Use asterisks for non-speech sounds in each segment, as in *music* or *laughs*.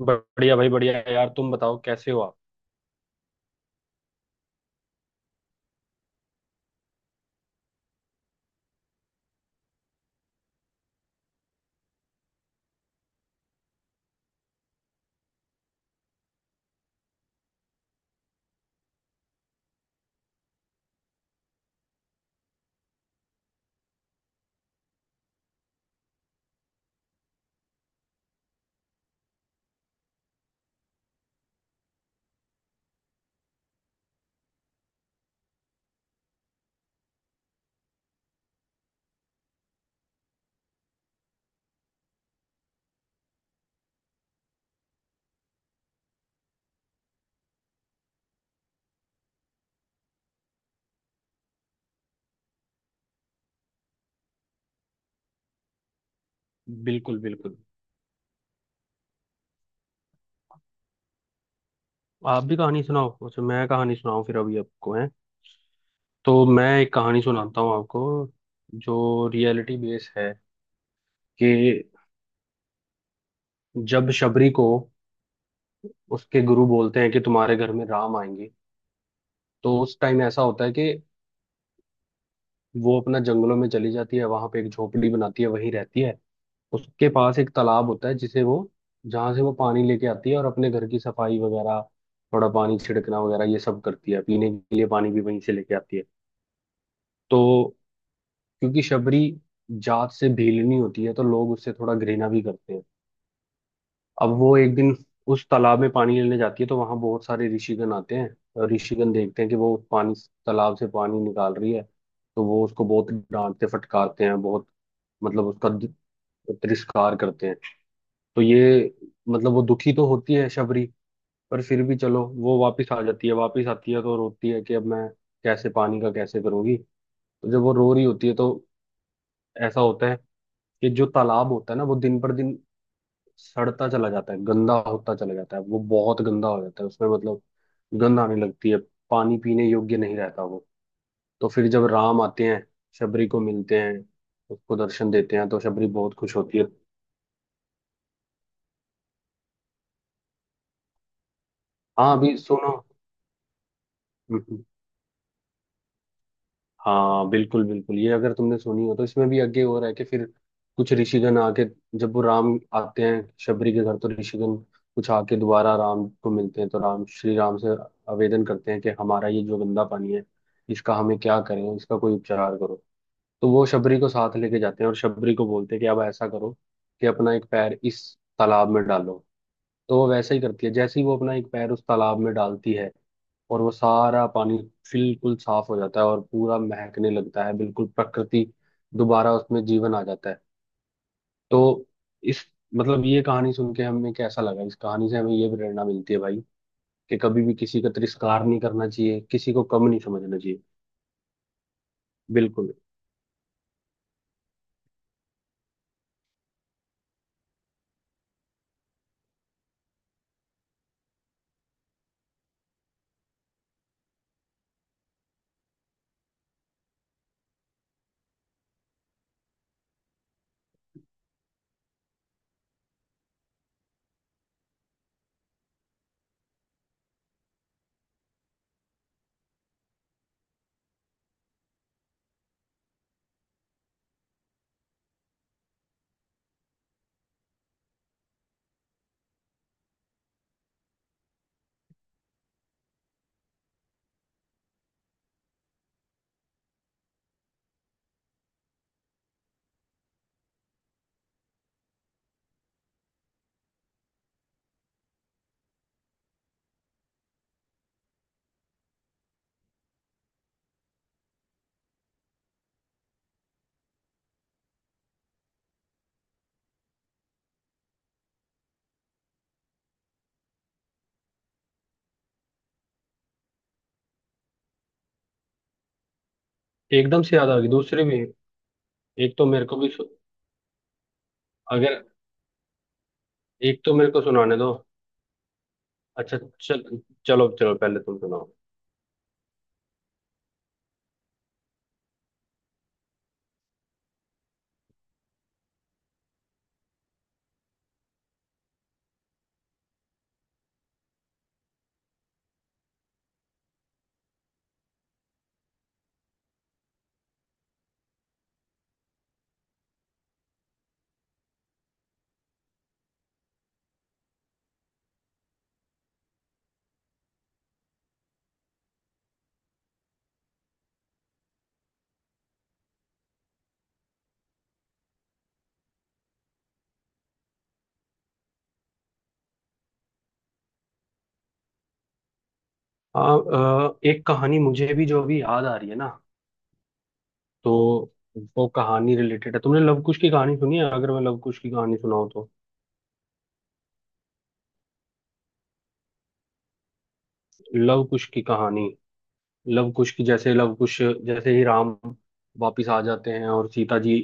बढ़िया भाई, बढ़िया। यार तुम बताओ कैसे हो आप। बिल्कुल, बिल्कुल। आप भी कहानी सुनाओ। अच्छा मैं कहानी सुनाऊं फिर, अभी आपको है। तो मैं एक कहानी सुनाता हूँ आपको, जो रियलिटी बेस है। कि जब शबरी को उसके गुरु बोलते हैं कि तुम्हारे घर में राम आएंगे, तो उस टाइम ऐसा होता है कि वो अपना जंगलों में चली जाती है। वहां पे एक झोपड़ी बनाती है, वहीं रहती है। उसके पास एक तालाब होता है जिसे वो, जहाँ से वो पानी लेके आती है, और अपने घर की सफाई वगैरह, थोड़ा पानी छिड़कना वगैरह ये सब करती है। पीने के लिए पानी भी वहीं से लेके आती है। तो क्योंकि शबरी जात से भीलनी होती है, तो लोग उससे थोड़ा घृणा भी करते हैं। अब वो एक दिन उस तालाब में पानी लेने जाती है, तो वहां बहुत सारे ऋषिगण आते हैं। और ऋषिगण देखते हैं कि वो पानी, तालाब से पानी निकाल रही है। तो वो उसको बहुत डांटते फटकारते हैं, बहुत, मतलब उसका तिरस्कार करते हैं। तो ये, मतलब वो दुखी तो होती है शबरी, पर फिर भी चलो वो वापस आ जाती है। वापस आती है तो रोती है कि अब मैं कैसे, पानी का कैसे करूंगी। तो जब वो रो रही होती है तो ऐसा होता है कि जो तालाब होता है ना, वो दिन पर दिन सड़ता चला जाता है, गंदा होता चला जाता है। वो बहुत गंदा हो जाता है, उसमें मतलब गंध आने लगती है। पानी पीने योग्य नहीं रहता वो। तो फिर जब राम आते हैं, शबरी को मिलते हैं, उसको दर्शन देते हैं, तो शबरी बहुत खुश होती है। हाँ अभी सुनो। *laughs* हाँ बिल्कुल, बिल्कुल। ये अगर तुमने सुनी हो तो इसमें भी आगे हो रहा है कि फिर कुछ ऋषिगण आके, जब वो राम आते हैं शबरी के घर तो ऋषिगण कुछ आके दोबारा राम को मिलते हैं। तो राम, श्री राम से आवेदन करते हैं कि हमारा ये जो गंदा पानी है, इसका हमें क्या करें, इसका कोई उपचार करो। तो वो शबरी को साथ लेके जाते हैं और शबरी को बोलते हैं कि अब ऐसा करो कि अपना एक पैर इस तालाब में डालो। तो वो वैसा ही करती है। जैसे ही वो अपना एक पैर उस तालाब में डालती है, और वो सारा पानी बिल्कुल साफ हो जाता है, और पूरा महकने लगता है, बिल्कुल प्रकृति दोबारा उसमें जीवन आ जाता है। तो इस, मतलब ये कहानी सुन के हमें कैसा लगा, इस कहानी से हमें ये प्रेरणा मिलती है भाई कि कभी भी किसी का तिरस्कार नहीं करना चाहिए, किसी को कम नहीं समझना चाहिए। बिल्कुल। एकदम से याद आ गई दूसरी भी। एक तो मेरे को भी अगर, एक तो मेरे को सुनाने दो। अच्छा चल। चलो चलो, पहले तुम सुनाओ। हाँ। एक कहानी मुझे भी जो अभी याद आ रही है ना, तो वो कहानी रिलेटेड है। तुमने लव कुश की कहानी सुनी है? अगर मैं लव कुश की कहानी सुनाऊं तो। लव कुश की कहानी, लव कुश की जैसे, लव कुश जैसे ही राम वापिस आ जाते हैं और सीता जी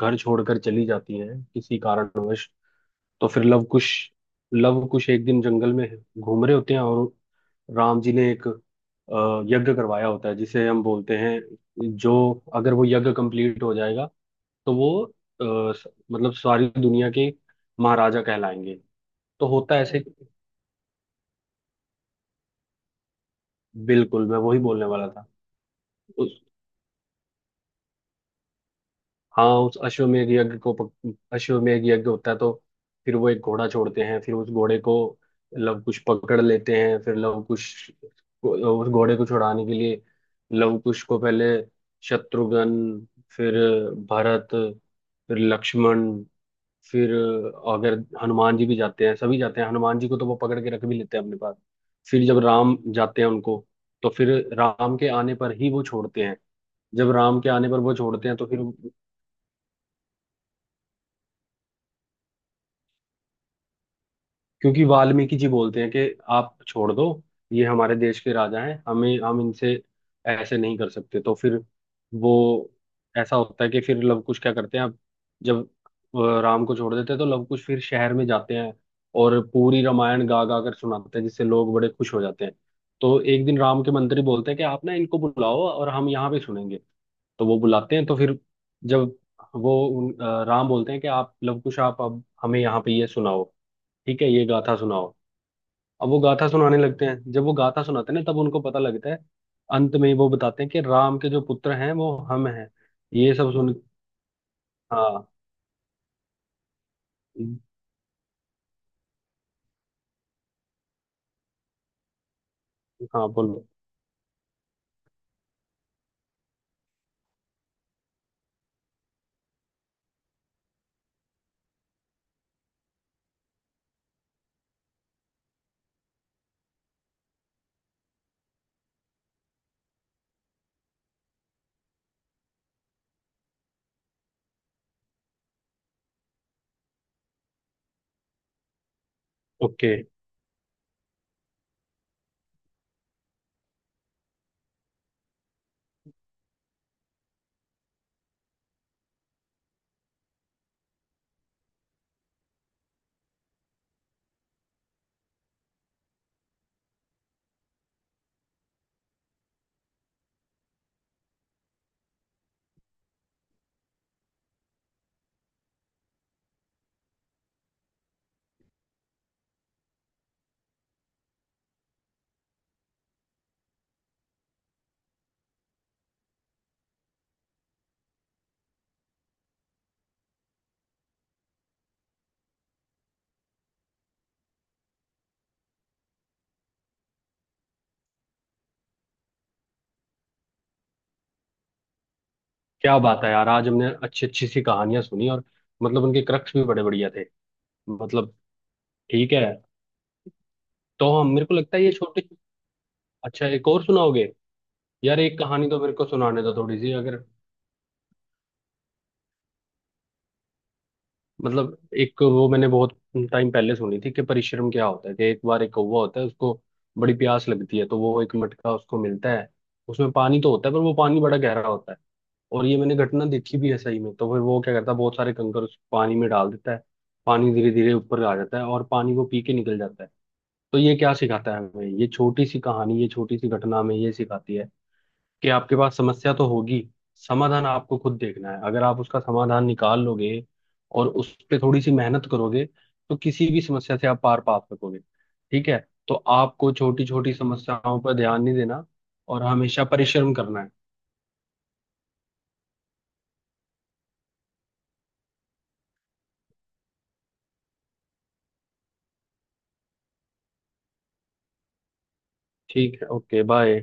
घर छोड़कर चली जाती हैं किसी कारणवश, तो फिर लव कुश, लव कुश एक दिन जंगल में घूम रहे होते हैं। और राम जी ने एक यज्ञ करवाया होता है, जिसे हम बोलते हैं जो, अगर वो यज्ञ कंप्लीट हो जाएगा तो वो मतलब सारी दुनिया के महाराजा कहलाएंगे। तो होता ऐसे, बिल्कुल मैं वही बोलने वाला था। उस, हाँ, उस अश्वमेध यज्ञ को अश्वमेध यज्ञ होता है तो फिर वो एक घोड़ा छोड़ते हैं। फिर उस घोड़े को लवकुश पकड़ लेते हैं। फिर उस घोड़े को छुड़ाने के लिए लवकुश को पहले शत्रुघ्न, फिर भरत, फिर लक्ष्मण, फिर अगर हनुमान जी भी जाते हैं, सभी जाते हैं। हनुमान जी को तो वो पकड़ के रख भी लेते हैं अपने पास। फिर जब राम जाते हैं उनको, तो फिर राम के आने पर ही वो छोड़ते हैं। जब राम के आने पर वो छोड़ते हैं तो फिर, क्योंकि वाल्मीकि जी बोलते हैं कि आप छोड़ दो, ये हमारे देश के राजा हैं, हमें, हम इनसे ऐसे नहीं कर सकते। तो फिर वो, ऐसा होता है कि फिर लवकुश क्या करते हैं अब, जब राम को छोड़ देते हैं तो लवकुश फिर शहर में जाते हैं और पूरी रामायण गा गा कर सुनाते हैं, जिससे लोग बड़े खुश हो जाते हैं। तो एक दिन राम के मंत्री बोलते हैं कि आप ना इनको बुलाओ, और हम यहाँ पे सुनेंगे। तो वो बुलाते हैं तो फिर जब वो राम बोलते हैं कि आप लवकुश, आप अब हमें यहाँ पे ये सुनाओ, ठीक है, ये गाथा सुनाओ। अब वो गाथा सुनाने लगते हैं। जब वो गाथा सुनाते हैं ना तब उनको पता लगता है, अंत में वो बताते हैं कि राम के जो पुत्र हैं वो हम हैं। ये सब सुन। हाँ। हाँ बोलो। ओके। क्या बात है यार, आज हमने अच्छी अच्छी सी कहानियां सुनी, और मतलब उनके क्रक्स भी बड़े बढ़िया थे, मतलब। ठीक है। तो हम, मेरे को लगता है ये छोटी। अच्छा एक और सुनाओगे? यार एक कहानी तो मेरे को सुनाने दो थोड़ी सी, अगर, मतलब। एक वो मैंने बहुत टाइम पहले सुनी थी कि परिश्रम क्या होता है। कि एक बार एक कौवा होता है, उसको बड़ी प्यास लगती है। तो वो, एक मटका उसको मिलता है, उसमें पानी तो होता है, पर वो पानी बड़ा गहरा होता है। और ये मैंने घटना देखी भी है सही में। तो फिर वो क्या करता है, बहुत सारे कंकर उस पानी में डाल देता है। पानी धीरे धीरे ऊपर आ जाता है और पानी वो पी के निकल जाता है। तो ये क्या सिखाता है हमें, ये छोटी सी कहानी, ये छोटी सी घटना हमें ये सिखाती है कि आपके पास समस्या तो होगी, समाधान आपको खुद देखना है। अगर आप उसका समाधान निकाल लोगे, और उस पे थोड़ी सी मेहनत करोगे, तो किसी भी समस्या से आप पार पा सकोगे। ठीक है। तो आपको छोटी छोटी समस्याओं पर ध्यान नहीं देना, और हमेशा परिश्रम करना है। ठीक है, ओके बाय।